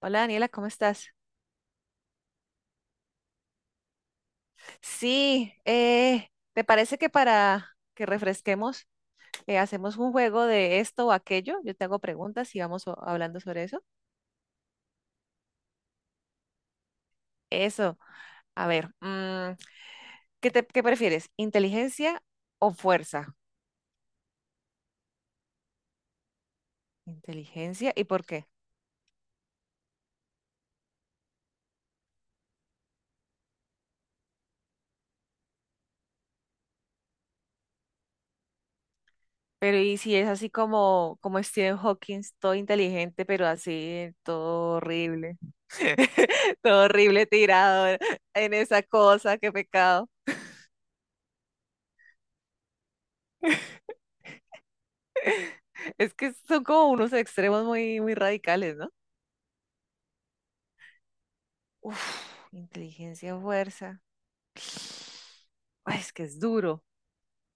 Hola Daniela, ¿cómo estás? Sí, ¿te parece que para que refresquemos, hacemos un juego de esto o aquello? Yo te hago preguntas y vamos hablando sobre eso. Eso, a ver, ¿qué prefieres? ¿Inteligencia o fuerza? Inteligencia, ¿y por qué? Pero ¿y si es así como, como Stephen Hawking, todo inteligente, pero así, todo horrible, todo horrible tirado en esa cosa, qué pecado? Es que son como unos extremos muy, muy radicales, ¿no? Uf, inteligencia, fuerza. Ay, es que es duro.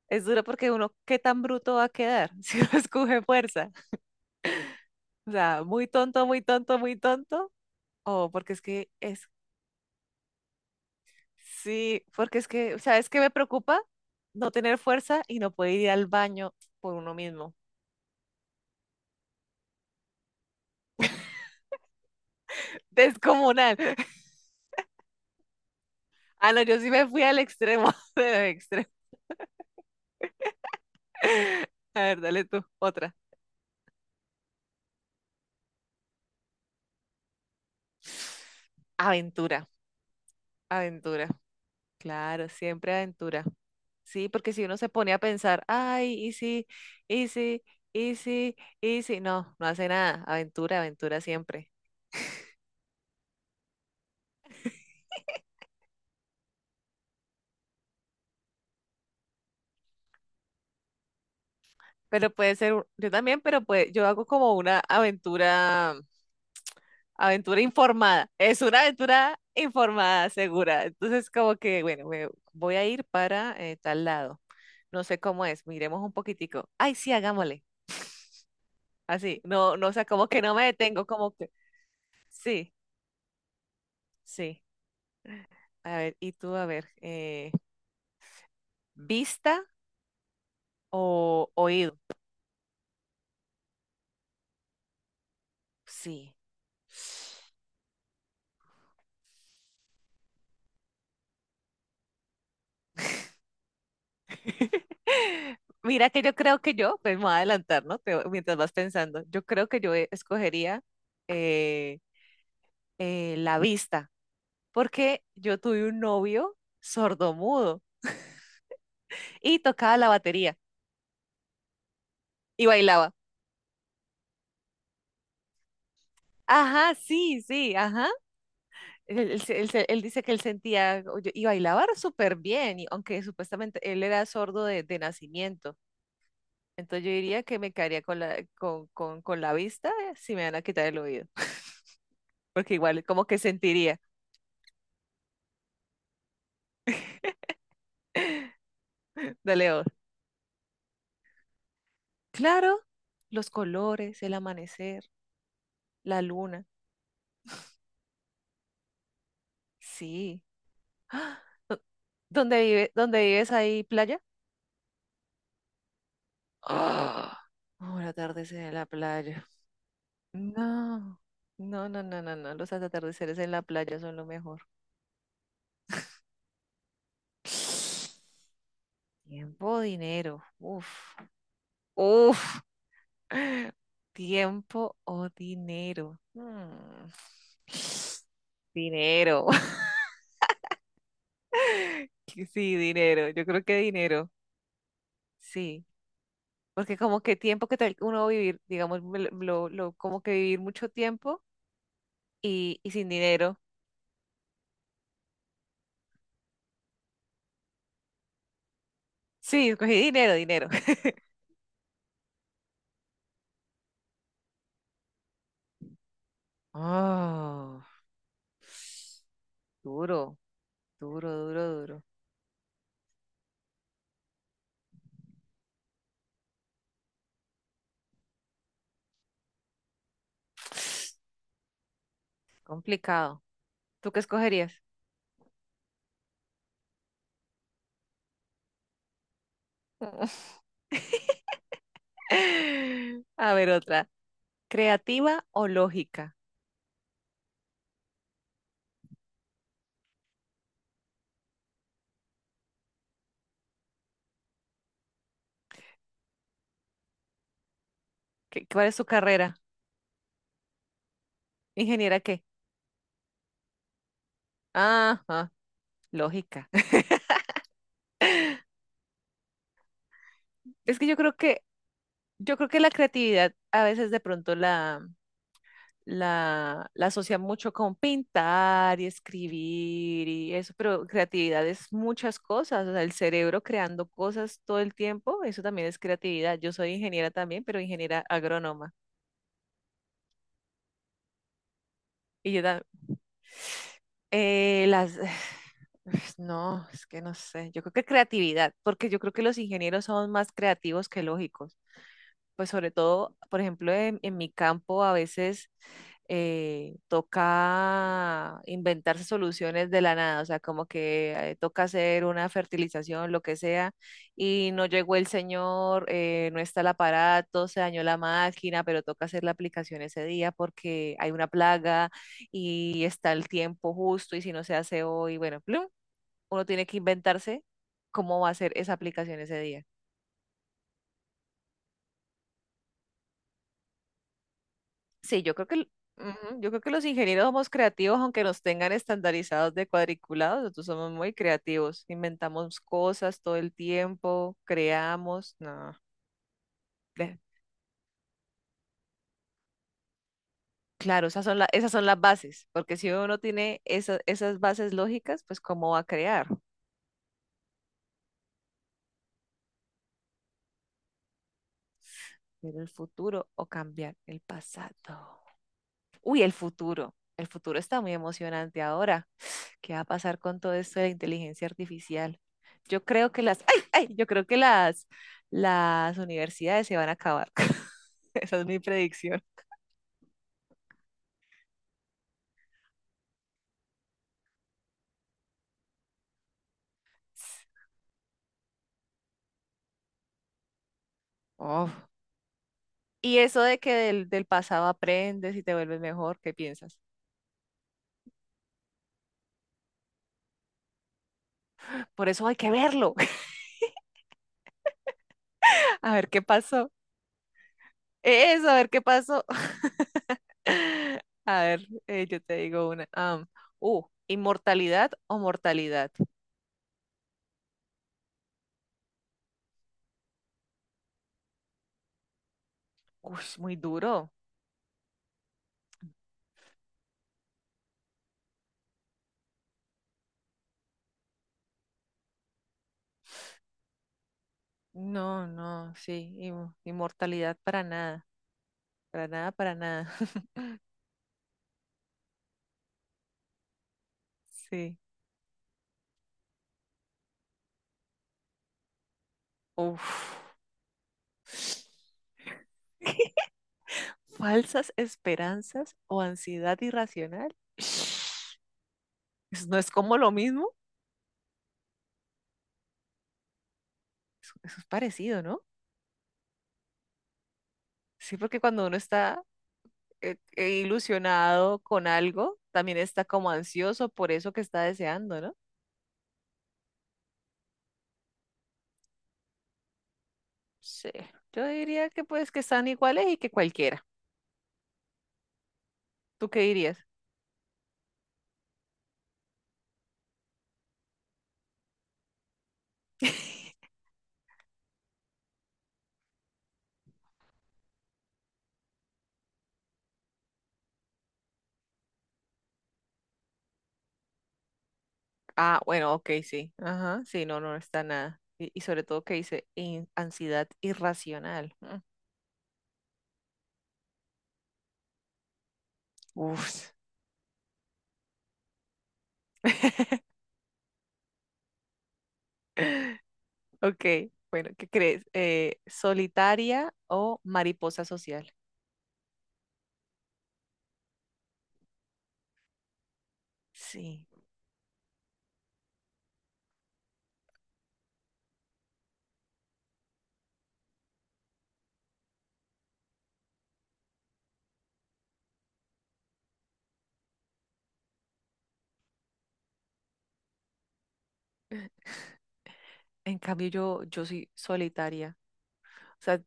Es duro porque uno, ¿qué tan bruto va a quedar si uno escoge fuerza? O sea, muy tonto, muy tonto, muy tonto. O porque es que es, sí, porque es que, ¿sabes qué me preocupa? No tener fuerza y no poder ir al baño por uno mismo. Descomunal. Ah, no, yo sí me fui al extremo, del extremo. A ver, dale tú, otra. Aventura, aventura. Claro, siempre aventura. Sí, porque si uno se pone a pensar, ay, y sí, y sí, y sí, y sí, no, no hace nada. Aventura, aventura siempre. Pero puede ser, yo también, pero pues yo hago como una aventura, aventura informada. Es una aventura informada, segura. Entonces, como que, bueno, me voy a ir para tal lado. No sé cómo es, miremos un poquitico. Ay, sí, hagámosle. Así, no, no, o sea, como que no me detengo, como que, sí, sí. A ver, y tú, a ver, ¿vista o oído? Sí. Mira que yo creo que yo, pues me voy a adelantar, ¿no? Mientras vas pensando, yo creo que yo escogería eh, la vista, porque yo tuve un novio sordomudo y tocaba la batería y bailaba. Ajá, sí, sí, ajá. Él, él dice que él sentía oye, y bailaba súper bien, y aunque supuestamente él era sordo de nacimiento. Entonces yo diría que me quedaría con la vista si me van a quitar el oído, porque igual como que sentiría. Dale otro. Claro, los colores, el amanecer, la luna. Sí. ¡Ah! ¿Dó- ¿Dónde vives ahí, playa? ¡Ah! Oh, atardecer en la playa. No, no, no, no, no, no. Los atardeceres en la playa son lo mejor. Tiempo, dinero. Uf, uf. Tiempo o dinero. Hmm, dinero. Sí, dinero. Yo creo que dinero. Sí. Porque como que tiempo que tal uno va a vivir, digamos, me lo- como que vivir mucho tiempo y sin dinero. Sí, escogí dinero, dinero. Oh, duro, duro, duro, duro. Complicado. ¿Tú qué escogerías? A ver, otra. ¿Creativa o lógica? ¿Cuál es su carrera? ¿Ingeniera qué? Ajá, lógica. Es que yo creo que, yo creo que la creatividad a veces de pronto la asocia mucho con pintar y escribir y eso, pero creatividad es muchas cosas, o sea, el cerebro creando cosas todo el tiempo, eso también es creatividad. Yo soy ingeniera también, pero ingeniera agrónoma. Y yo también, las, no, es que no sé, yo creo que creatividad, porque yo creo que los ingenieros son más creativos que lógicos. Pues sobre todo, por ejemplo, en mi campo a veces toca inventarse soluciones de la nada, o sea, como que toca hacer una fertilización, lo que sea, y no llegó el señor, no está el aparato, se dañó la máquina, pero toca hacer la aplicación ese día porque hay una plaga y está el tiempo justo y si no se hace hoy, bueno, plum, uno tiene que inventarse cómo va a ser esa aplicación ese día. Sí, yo creo que, el- ujú, yo creo que los ingenieros somos creativos, aunque nos tengan estandarizados de cuadriculados, nosotros somos muy creativos, inventamos cosas todo el tiempo, creamos, no. ve- Claro, esas son esas son las bases, porque si uno no tiene esas bases lógicas, pues ¿cómo va a crear? Ver el futuro o cambiar el pasado. Uy, el futuro. El futuro está muy emocionante ahora. ¿Qué va a pasar con todo esto de la inteligencia artificial? Yo creo que las universidades se van a acabar. Esa es mi predicción. Oh. Y eso de que del pasado aprendes y te vuelves mejor, ¿qué piensas? Por eso hay que verlo, a ver qué pasó. Eso, a ver qué pasó. A ver, yo te digo una. ¿Inmortalidad o mortalidad? Uy, muy duro. No, no, sí, inmortalidad para nada. Para nada, para nada. Sí. Uf. Falsas esperanzas o ansiedad irracional. Eso no es como lo mismo. Eso es parecido, ¿no? Sí, porque cuando uno está ilusionado con algo, también está como ansioso por eso que está deseando, ¿no? Sí. Yo diría que pues que están iguales y que cualquiera. ¿Tú qué dirías? Ah, bueno, ok, sí. Ajá, sí, no, no está nada. Y sobre todo que dice ansiedad irracional. Mm, uf. Ok, bueno, ¿qué crees? ¿Solitaria o mariposa social? Sí, en cambio yo, yo soy solitaria. O sea,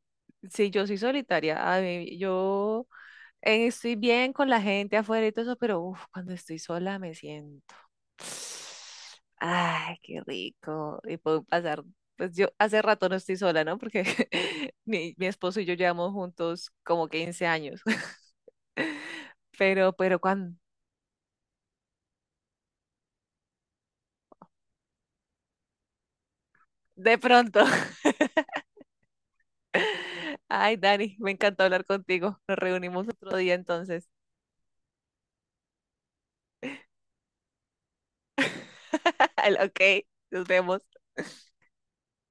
sí, yo soy solitaria. A mí, yo estoy bien con la gente afuera y todo eso, pero uf, cuando estoy sola me siento. Ay, qué rico. Y puedo pasar, pues yo hace rato no estoy sola, ¿no? Porque mi esposo y yo llevamos juntos como 15 años. Pero cuando, de pronto. Ay, Dani, me encantó hablar contigo. Nos reunimos otro día entonces. Ok, nos vemos.